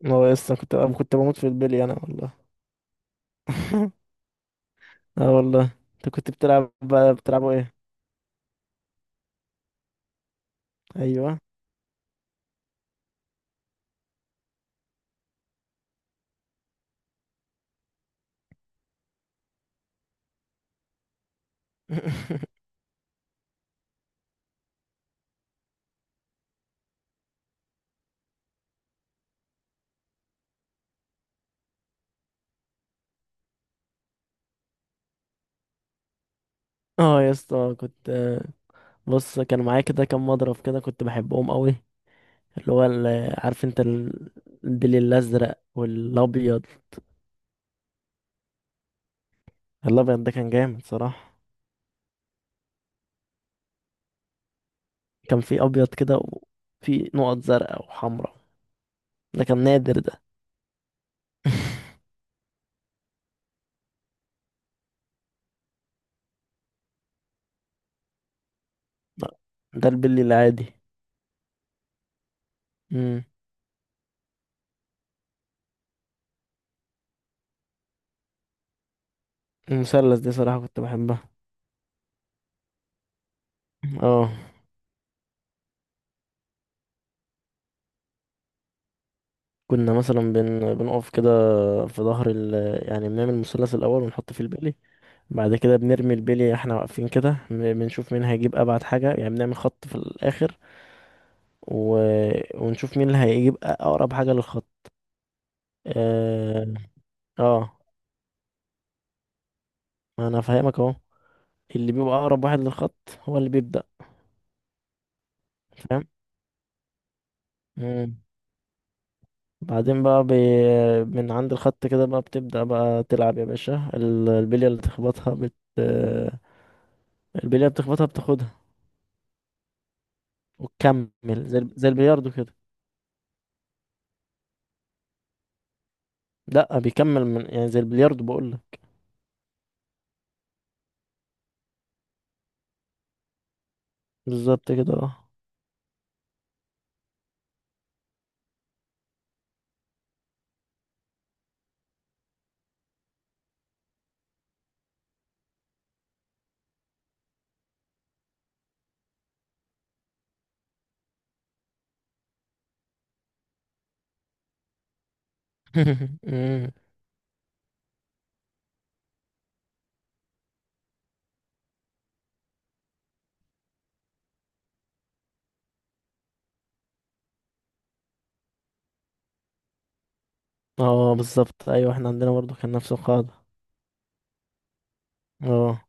ما هو لسه كنت بموت في البلي انا والله. اه والله، انت كنت بتلعب بقى، بتلعبوا ايه؟ ايوه. اه يا اسطى كنت. بص كان معايا كده كام مضرب كده، كنت بحبهم قوي. عارف انت البلي الازرق والابيض. الابيض ده كان جامد صراحه. كان في ابيض كده وفي نقط زرقاء وحمراء، ده كان نادر ده. لا، ده البلي العادي. امم المثلث دي صراحه كنت بحبها. اه. بنقف كده في ظهر ال... يعني بنعمل مثلث الاول ونحط فيه البلي. بعد كده بنرمي البلي احنا واقفين كده، بنشوف مين هيجيب ابعد حاجه، يعني بنعمل خط في الاخر و... ونشوف مين اللي هيجيب اقرب حاجه للخط. اه. اه انا فاهمك اهو، اللي بيبقى اقرب واحد للخط هو اللي بيبدا. فاهم. مم. بعدين بقى من عند الخط كده بقى بتبدا بقى تلعب يا باشا. البليه اللي بتخبطها بتاخدها وتكمل، زي البلياردو كده. لا بيكمل من، يعني زي البلياردو بقول لك. بالظبط كده اه. مم. اه بالظبط ايوه، احنا عندنا برضو كان نفس القاعدة. اه.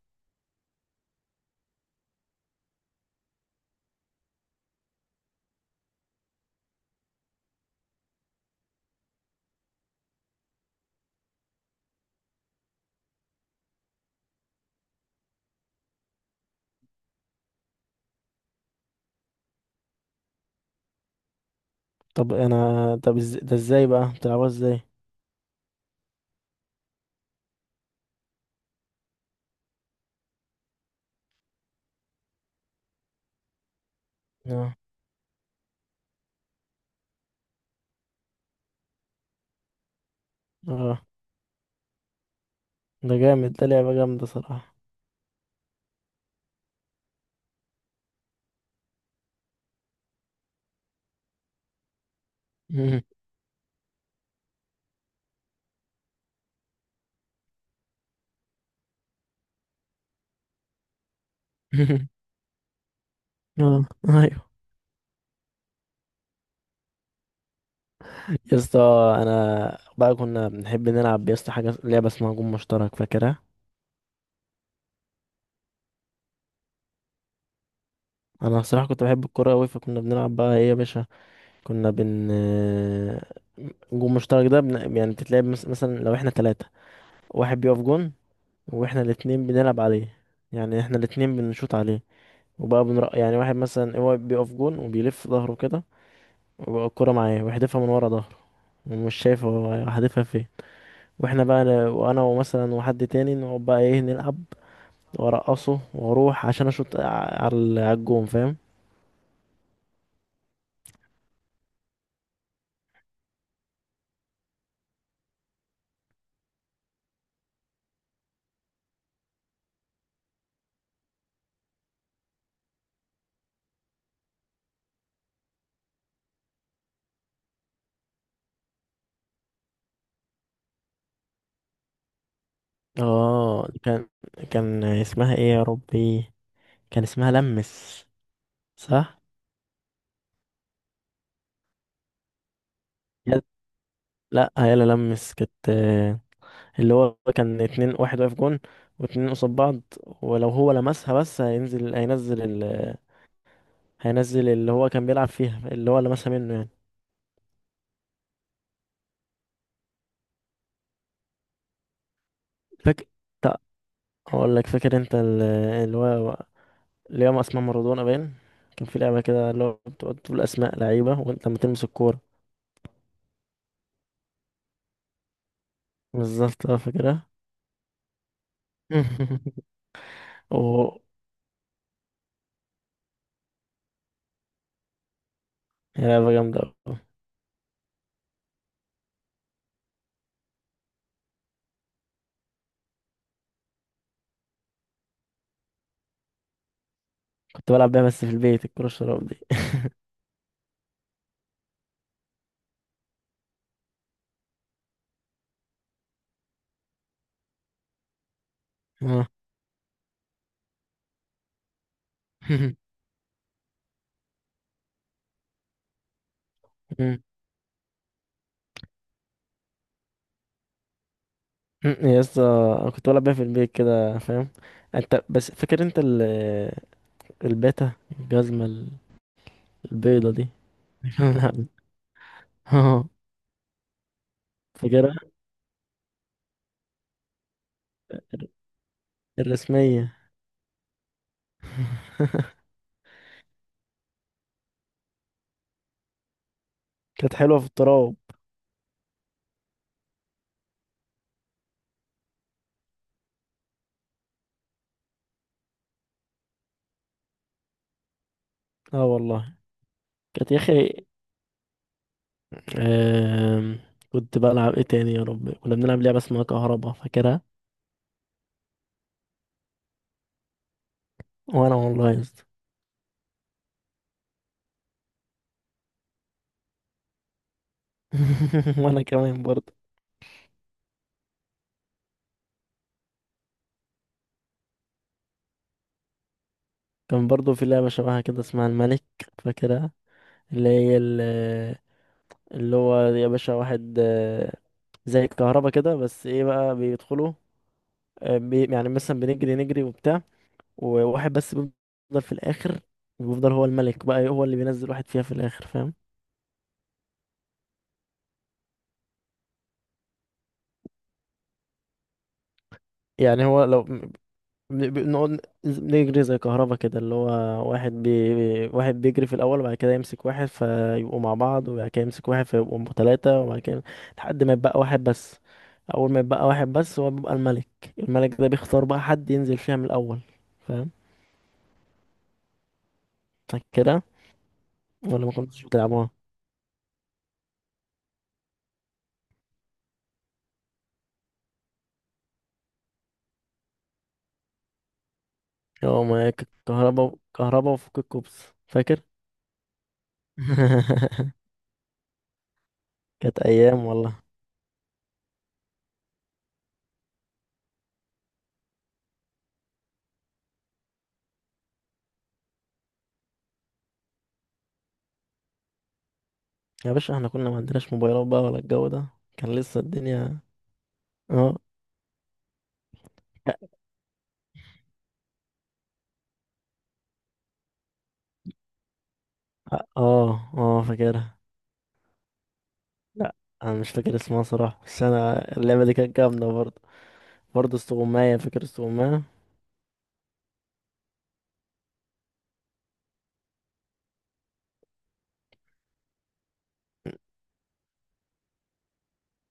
طب انا، ده ازاي بقى بتلعبوها ازاي؟ اه. اه ده جامد، ده لعبة جامدة صراحة. مم. اه ايوه. يا اسطى انا بقى كنا بنحب نلعب يا اسطى حاجة، لعبة اسمها جون مشترك، فاكرها؟ انا صراحة كنت بحب الكورة اوي، فكنا بنلعب بقى ايه يا باشا، كنا بن الجون المشترك ده يعني بتتلعب، مثلا لو احنا تلاتة، واحد بيقف جون واحنا الاتنين بنلعب عليه، يعني احنا الاتنين بنشوط عليه. وبقى بنرق يعني، واحد مثلا هو بيقف جون وبيلف ظهره كده، وبقى الكرة معاه ويحدفها من ورا ظهره، ومش شايف هو هدفها فين. واحنا بقى وانا ومثلا وحد تاني نقعد بقى ايه نلعب، وارقصه واروح عشان اشوط على الجون، فاهم؟ اه كان. كان اسمها ايه يا ربي؟ كان اسمها لمس. صح. لا هيلا لمس كانت آه، اللي هو كان اتنين، واحد واقف جون واتنين قصاد بعض، ولو هو لمسها بس هينزل. هينزل اللي هو كان بيلعب فيها، اللي هو لمسها منه يعني. فاكر؟ اقول لك. فاكر انت اللي هو اللي هو اسمها مارادونا باين؟ كان في لعبة كده اللي هو بتقعد تقول اسماء لعيبة، وانت لما تلمس الكورة. بالظبط اه، فاكرها. و، هي لعبة جامدة أوي. كنت بلعب بيها بس في البيت، الكورة الشراب دي. اه. يا اسطى انا كنت بلعب بيها في البيت كده فاهم. انت بس فاكر انت ال، الباتا، الجزمة ال- البيضة دي؟ لعب- اه. فاكرها. الر- الرسمية. كانت حلوة في التراب. اه والله. كانت يا اخي آم، كنت بلعب ايه تاني يا رب؟ كنا بنلعب لعبة اسمها كهربا، فاكرها؟ وانا والله يا اسطى. وانا كمان برضه. كان برضه في لعبة شبهها كده اسمها الملك، فاكرها؟ اللي هي، اللي هو يا باشا واحد آه، زي الكهربا كده بس ايه بقى، بيدخلوا آه، يعني مثلا بنجري نجري وبتاع، وواحد بس بيفضل في الاخر، بيفضل هو الملك بقى، هو اللي بينزل واحد فيها في الاخر، فاهم؟ يعني هو لو، بنقعد نجري زي كهربا كده، اللي هو واحد بي... واحد بيجري في الأول وبعد كده يمسك واحد فيبقوا مع بعض، وبعد كده يمسك واحد فيبقوا ثلاثة، وبعد كده لحد ما يبقى واحد بس. أول ما يبقى واحد بس هو بيبقى الملك. الملك ده بيختار بقى حد ينزل فيها من الأول، فاهم؟ فاكرها؟ ولا ما كنتش بتلعبوها؟ هو ما ك- كهربا، كهربا وفك الكوبس، فاكر؟ كانت أيام والله. يا باشا احنا كنا ما عندناش موبايلات بقى ولا الجو ده، كان لسه الدنيا. اه. اه. اه فاكرها. لا انا مش فاكر اسمها صراحة، بس انا اللعبة دي كانت جامدة برضه. برضه استغماية، فاكر استغماية؟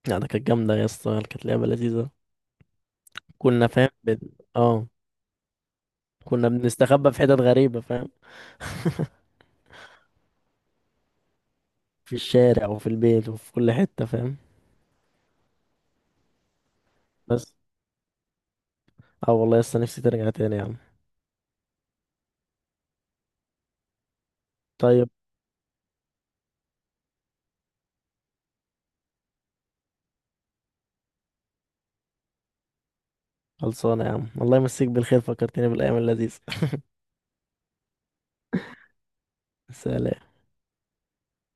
لا ده كانت جامدة يا اسطى، كانت لعبة لذيذة. كنا فاهم اه، كنا بنستخبى في حتت غريبة فاهم. في الشارع وفي البيت وفي كل حتة فاهم. بس. اه والله لسه نفسي ترجع تاني يا عم. طيب. خلصانة يا عم، الله يمسيك بالخير، فكرتني بالأيام اللذيذة. سلام.